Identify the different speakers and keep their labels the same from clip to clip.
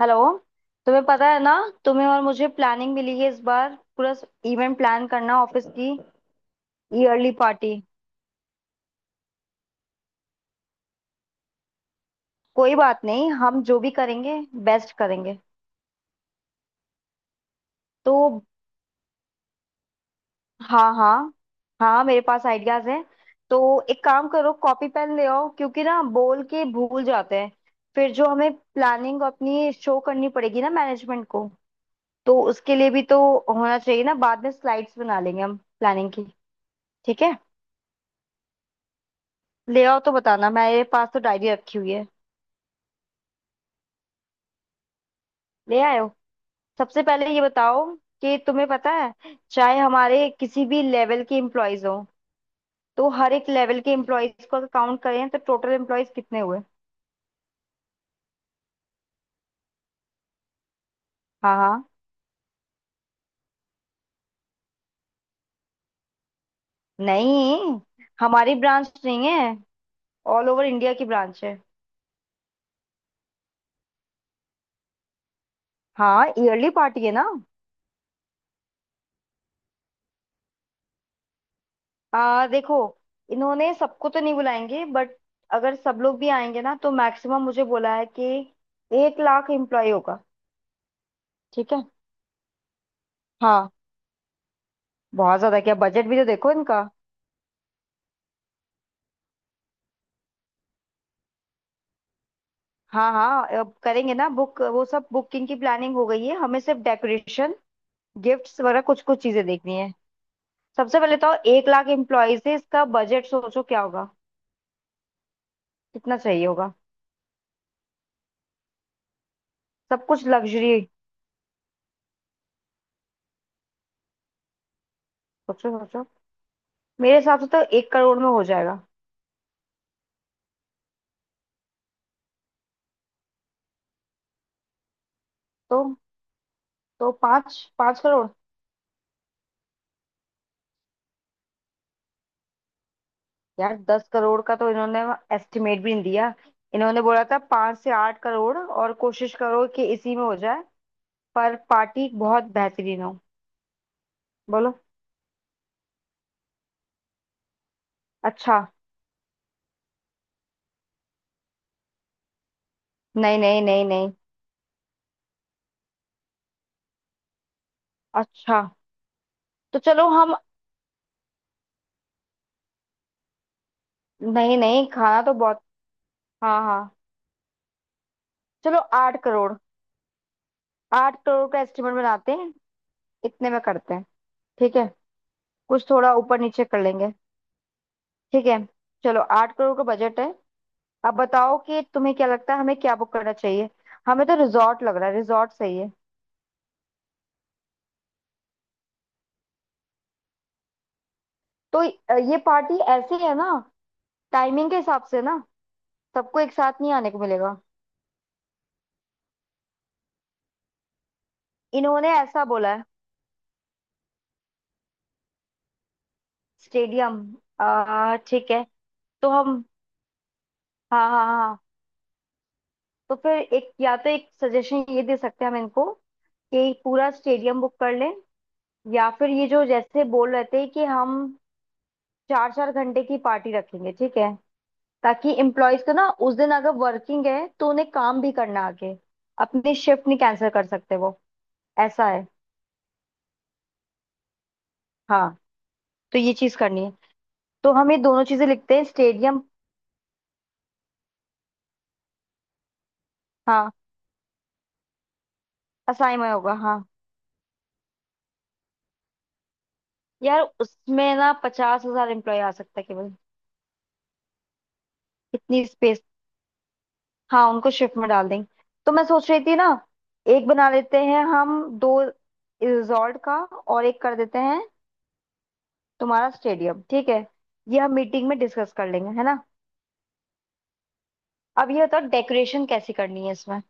Speaker 1: Hello. तुम्हें पता है ना, तुम्हें और मुझे प्लानिंग मिली है इस बार। पूरा इवेंट प्लान करना, ऑफिस की ईयरली पार्टी। कोई बात नहीं, हम जो भी करेंगे बेस्ट करेंगे। तो हाँ हाँ, हाँ मेरे पास आइडियाज हैं। तो एक काम करो, कॉपी पेन ले आओ क्योंकि ना बोल के भूल जाते हैं। फिर जो हमें प्लानिंग अपनी शो करनी पड़ेगी ना मैनेजमेंट को, तो उसके लिए भी तो होना चाहिए ना। बाद में स्लाइड्स बना लेंगे हम प्लानिंग की। ठीक है, ले आओ तो बताना, मेरे पास तो डायरी रखी हुई है। ले आए हो? सबसे पहले ये बताओ कि तुम्हें पता है, चाहे हमारे किसी भी लेवल के एम्प्लॉयज हो, तो हर एक लेवल के एम्प्लॉयज को अगर काउंट करें तो टोटल एम्प्लॉयज कितने हुए? हाँ हाँ। नहीं, हमारी ब्रांच नहीं है, ऑल ओवर इंडिया की ब्रांच है। हाँ, ईयरली पार्टी है ना। देखो, इन्होंने सबको तो नहीं बुलाएंगे बट अगर सब लोग भी आएंगे ना तो मैक्सिमम मुझे बोला है कि 1 लाख एम्प्लॉय होगा। ठीक है, हाँ। बहुत ज्यादा क्या, बजट भी तो देखो इनका। हाँ हाँ, अब करेंगे ना बुक, वो सब बुकिंग की प्लानिंग हो गई है। हमें सिर्फ डेकोरेशन, गिफ्ट्स वगैरह कुछ कुछ चीजें देखनी है। सबसे पहले तो 1 लाख एम्प्लॉयज है, इसका बजट सोचो क्या होगा, कितना चाहिए होगा। सब कुछ लग्जरी, सोचो सोचो। मेरे हिसाब से तो 1 करोड़ में हो जाएगा। तो तो पाँच पाँच करोड़। यार 10 करोड़ का तो इन्होंने एस्टिमेट भी नहीं दिया। इन्होंने बोला था 5 से 8 करोड़ और कोशिश करो कि इसी में हो जाए, पर पार्टी बहुत बेहतरीन हो। बोलो, अच्छा। नहीं नहीं नहीं नहीं। अच्छा, तो चलो हम। नहीं नहीं, खाना तो बहुत। हाँ हाँ। चलो 8 करोड़, 8 करोड़ का एस्टिमेट बनाते हैं, इतने में करते हैं। ठीक है, कुछ थोड़ा ऊपर नीचे कर लेंगे। ठीक है, चलो 8 करोड़ का बजट है। अब बताओ कि तुम्हें क्या लगता है, हमें क्या बुक करना चाहिए? हमें तो रिजॉर्ट लग रहा है, रिजॉर्ट सही है। तो ये पार्टी ऐसी है ना, टाइमिंग के हिसाब से ना, सबको एक साथ नहीं आने को मिलेगा। इन्होंने ऐसा बोला है, स्टेडियम। आ ठीक है। तो हम, हाँ हाँ हाँ, तो फिर एक, या तो एक सजेशन ये दे सकते हैं हम इनको कि पूरा स्टेडियम बुक कर लें। या फिर ये जो जैसे बोल रहे थे कि हम चार चार घंटे की पार्टी रखेंगे। ठीक है, ताकि एम्प्लॉयज का ना उस दिन अगर वर्किंग है तो उन्हें काम भी करना है आगे, अपनी शिफ्ट नहीं कैंसिल कर सकते वो। ऐसा है। हाँ, तो ये चीज करनी है। तो हम ये दोनों चीजें लिखते हैं, स्टेडियम। हाँ, असाई में होगा हाँ। यार उसमें ना 50,000 एम्प्लॉय आ सकता है केवल, इतनी स्पेस। हाँ, उनको शिफ्ट में डाल देंगे। तो मैं सोच रही थी ना, एक बना लेते हैं हम दो, रिजॉर्ट का और एक कर देते हैं तुम्हारा स्टेडियम। ठीक है, ये हम मीटिंग में डिस्कस कर लेंगे है ना। अब ये बताओ डेकोरेशन कैसी करनी है इसमें?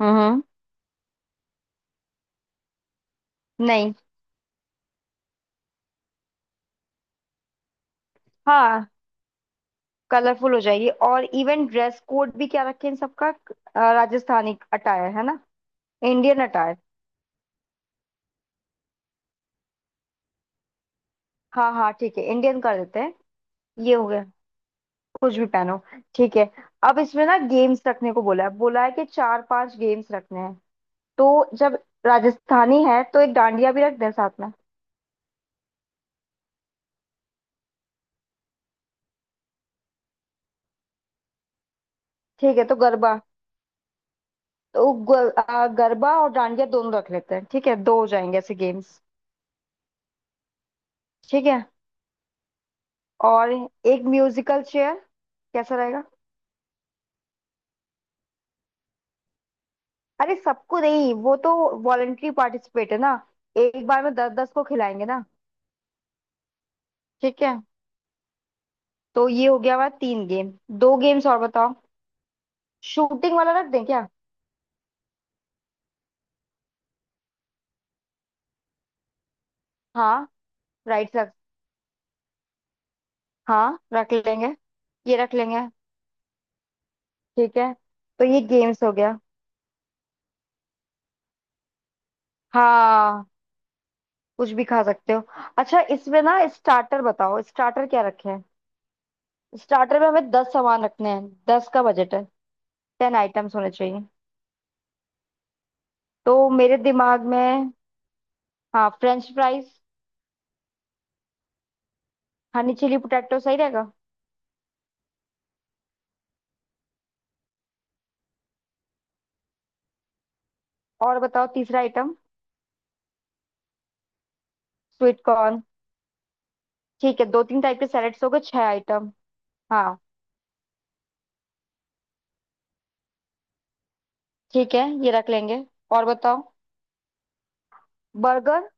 Speaker 1: हम्म। नहीं, हाँ, कलरफुल हो जाएगी, और इवन ड्रेस कोड भी क्या रखें इन सबका? राजस्थानी अटायर है ना? Indian attire. हाँ हाँ, ठीक है, इंडियन कर देते हैं। ये हो गया, कुछ भी पहनो। ठीक है। अब इसमें ना गेम्स रखने को बोला है, बोला है कि चार पांच गेम्स रखने हैं। तो जब राजस्थानी है तो एक डांडिया भी रख दें साथ में। ठीक है, तो गरबा। तो गरबा और डांडिया दोनों रख लेते हैं। ठीक है, दो हो जाएंगे ऐसे गेम्स। ठीक है, और एक म्यूजिकल चेयर कैसा रहेगा? अरे सबको नहीं, वो तो वॉलेंट्री पार्टिसिपेट है ना, एक बार में दस दस को खिलाएंगे ना। ठीक है, तो ये हो गया हमारा तीन गेम। दो गेम्स और बताओ, शूटिंग वाला रख दें क्या? हाँ, राइट रख, हाँ रख लेंगे, ये रख लेंगे। ठीक है, तो ये गेम्स हो गया। हाँ, कुछ भी खा सकते हो। अच्छा, इसमें ना स्टार्टर बताओ, स्टार्टर क्या रखे हैं? स्टार्टर में हमें 10 सामान रखने हैं, 10 का बजट है, 10 आइटम्स होने चाहिए। तो मेरे दिमाग में, हाँ, French fries, honey chilli potato सही रहेगा। और बताओ तीसरा आइटम। Sweet corn. ठीक है, दो तीन टाइप के सैलेड्स हो गए छह आइटम। हाँ, ठीक है, ये रख लेंगे। और बताओ, बर्गर।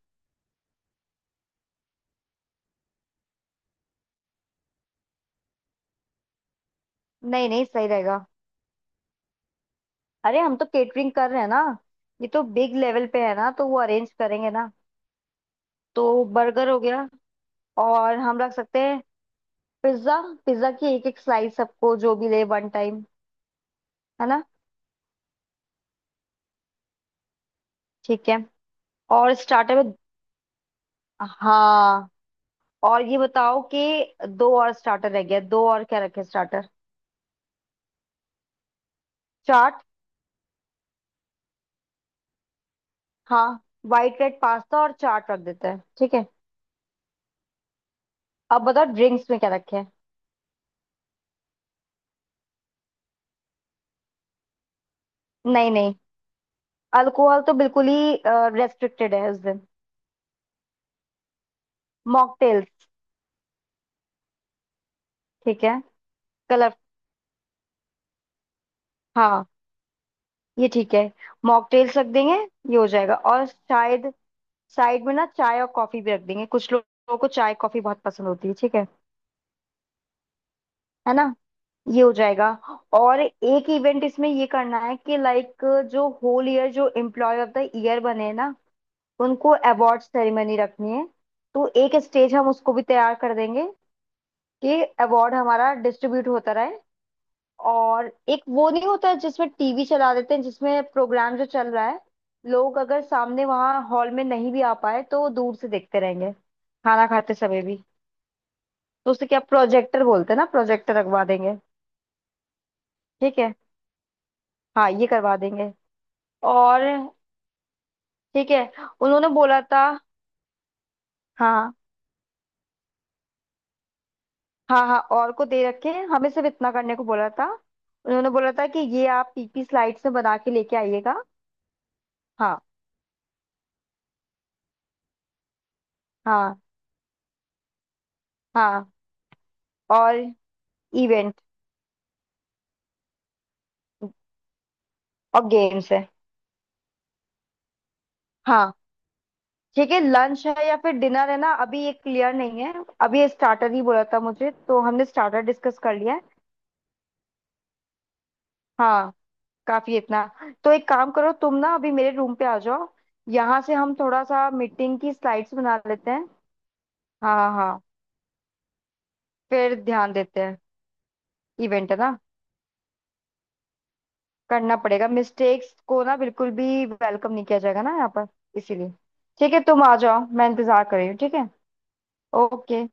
Speaker 1: नहीं नहीं, सही रहेगा, अरे हम तो केटरिंग कर रहे हैं ना, ये तो बिग लेवल पे है ना तो वो अरेंज करेंगे ना। तो बर्गर हो गया, और हम रख सकते हैं पिज्जा, पिज्जा की एक एक स्लाइस सबको जो भी ले वन टाइम, है ना? ठीक है, और स्टार्टर में, हाँ, और ये बताओ कि दो और स्टार्टर रह गया, दो और क्या रखे स्टार्टर? चाट, हाँ, वाइट रेड पास्ता और चाट रख देते हैं। ठीक है, अब बताओ ड्रिंक्स में क्या रखे। नहीं नहीं, अल्कोहल तो बिल्कुल ही रेस्ट्रिक्टेड है उस दिन। मॉकटेल्स। ठीक है, हाँ, ये ठीक है, मॉकटेल्स रख देंगे, ये हो जाएगा। और शायद साइड में ना चाय और कॉफी भी रख देंगे, कुछ लोगों को चाय कॉफी बहुत पसंद होती है। ठीक है ना, ये हो जाएगा। और एक इवेंट इसमें ये करना है कि लाइक जो होल ईयर जो एम्प्लॉय ऑफ द ईयर बने ना, उनको अवार्ड सेरेमनी रखनी है। तो एक स्टेज हम उसको भी तैयार कर देंगे कि अवार्ड हमारा डिस्ट्रीब्यूट होता रहे। और एक वो नहीं होता है जिसमें टीवी चला देते हैं, जिसमें प्रोग्राम जो चल रहा है लोग अगर सामने वहां हॉल में नहीं भी आ पाए तो वो दूर से देखते रहेंगे, खाना खाते समय भी। तो उसे क्या प्रोजेक्टर बोलते हैं ना, प्रोजेक्टर लगवा देंगे। ठीक है, हाँ, ये करवा देंगे। और ठीक है, उन्होंने बोला था, हाँ हाँ, हाँ और को दे रखे हैं, हमें सिर्फ इतना करने को बोला था। उन्होंने बोला था कि ये आप पीपी स्लाइड्स में बना के लेके आइएगा। हाँ हाँ हाँ। और इवेंट, और गेम्स है। हाँ ठीक है, लंच है या फिर डिनर है ना अभी ये क्लियर नहीं है। अभी ये स्टार्टर ही बोला था मुझे, तो हमने स्टार्टर डिस्कस कर लिया है। हाँ, काफी है इतना। तो एक काम करो तुम, ना अभी मेरे रूम पे आ जाओ, यहाँ से हम थोड़ा सा मीटिंग की स्लाइड्स बना लेते हैं। हाँ हाँ हाँ, फिर ध्यान देते हैं। इवेंट है ना, करना पड़ेगा, मिस्टेक्स को ना बिल्कुल भी वेलकम नहीं किया जाएगा ना यहाँ पर, इसीलिए। ठीक है, तुम आ जाओ, मैं इंतजार कर रही हूँ। ठीक है। ओके।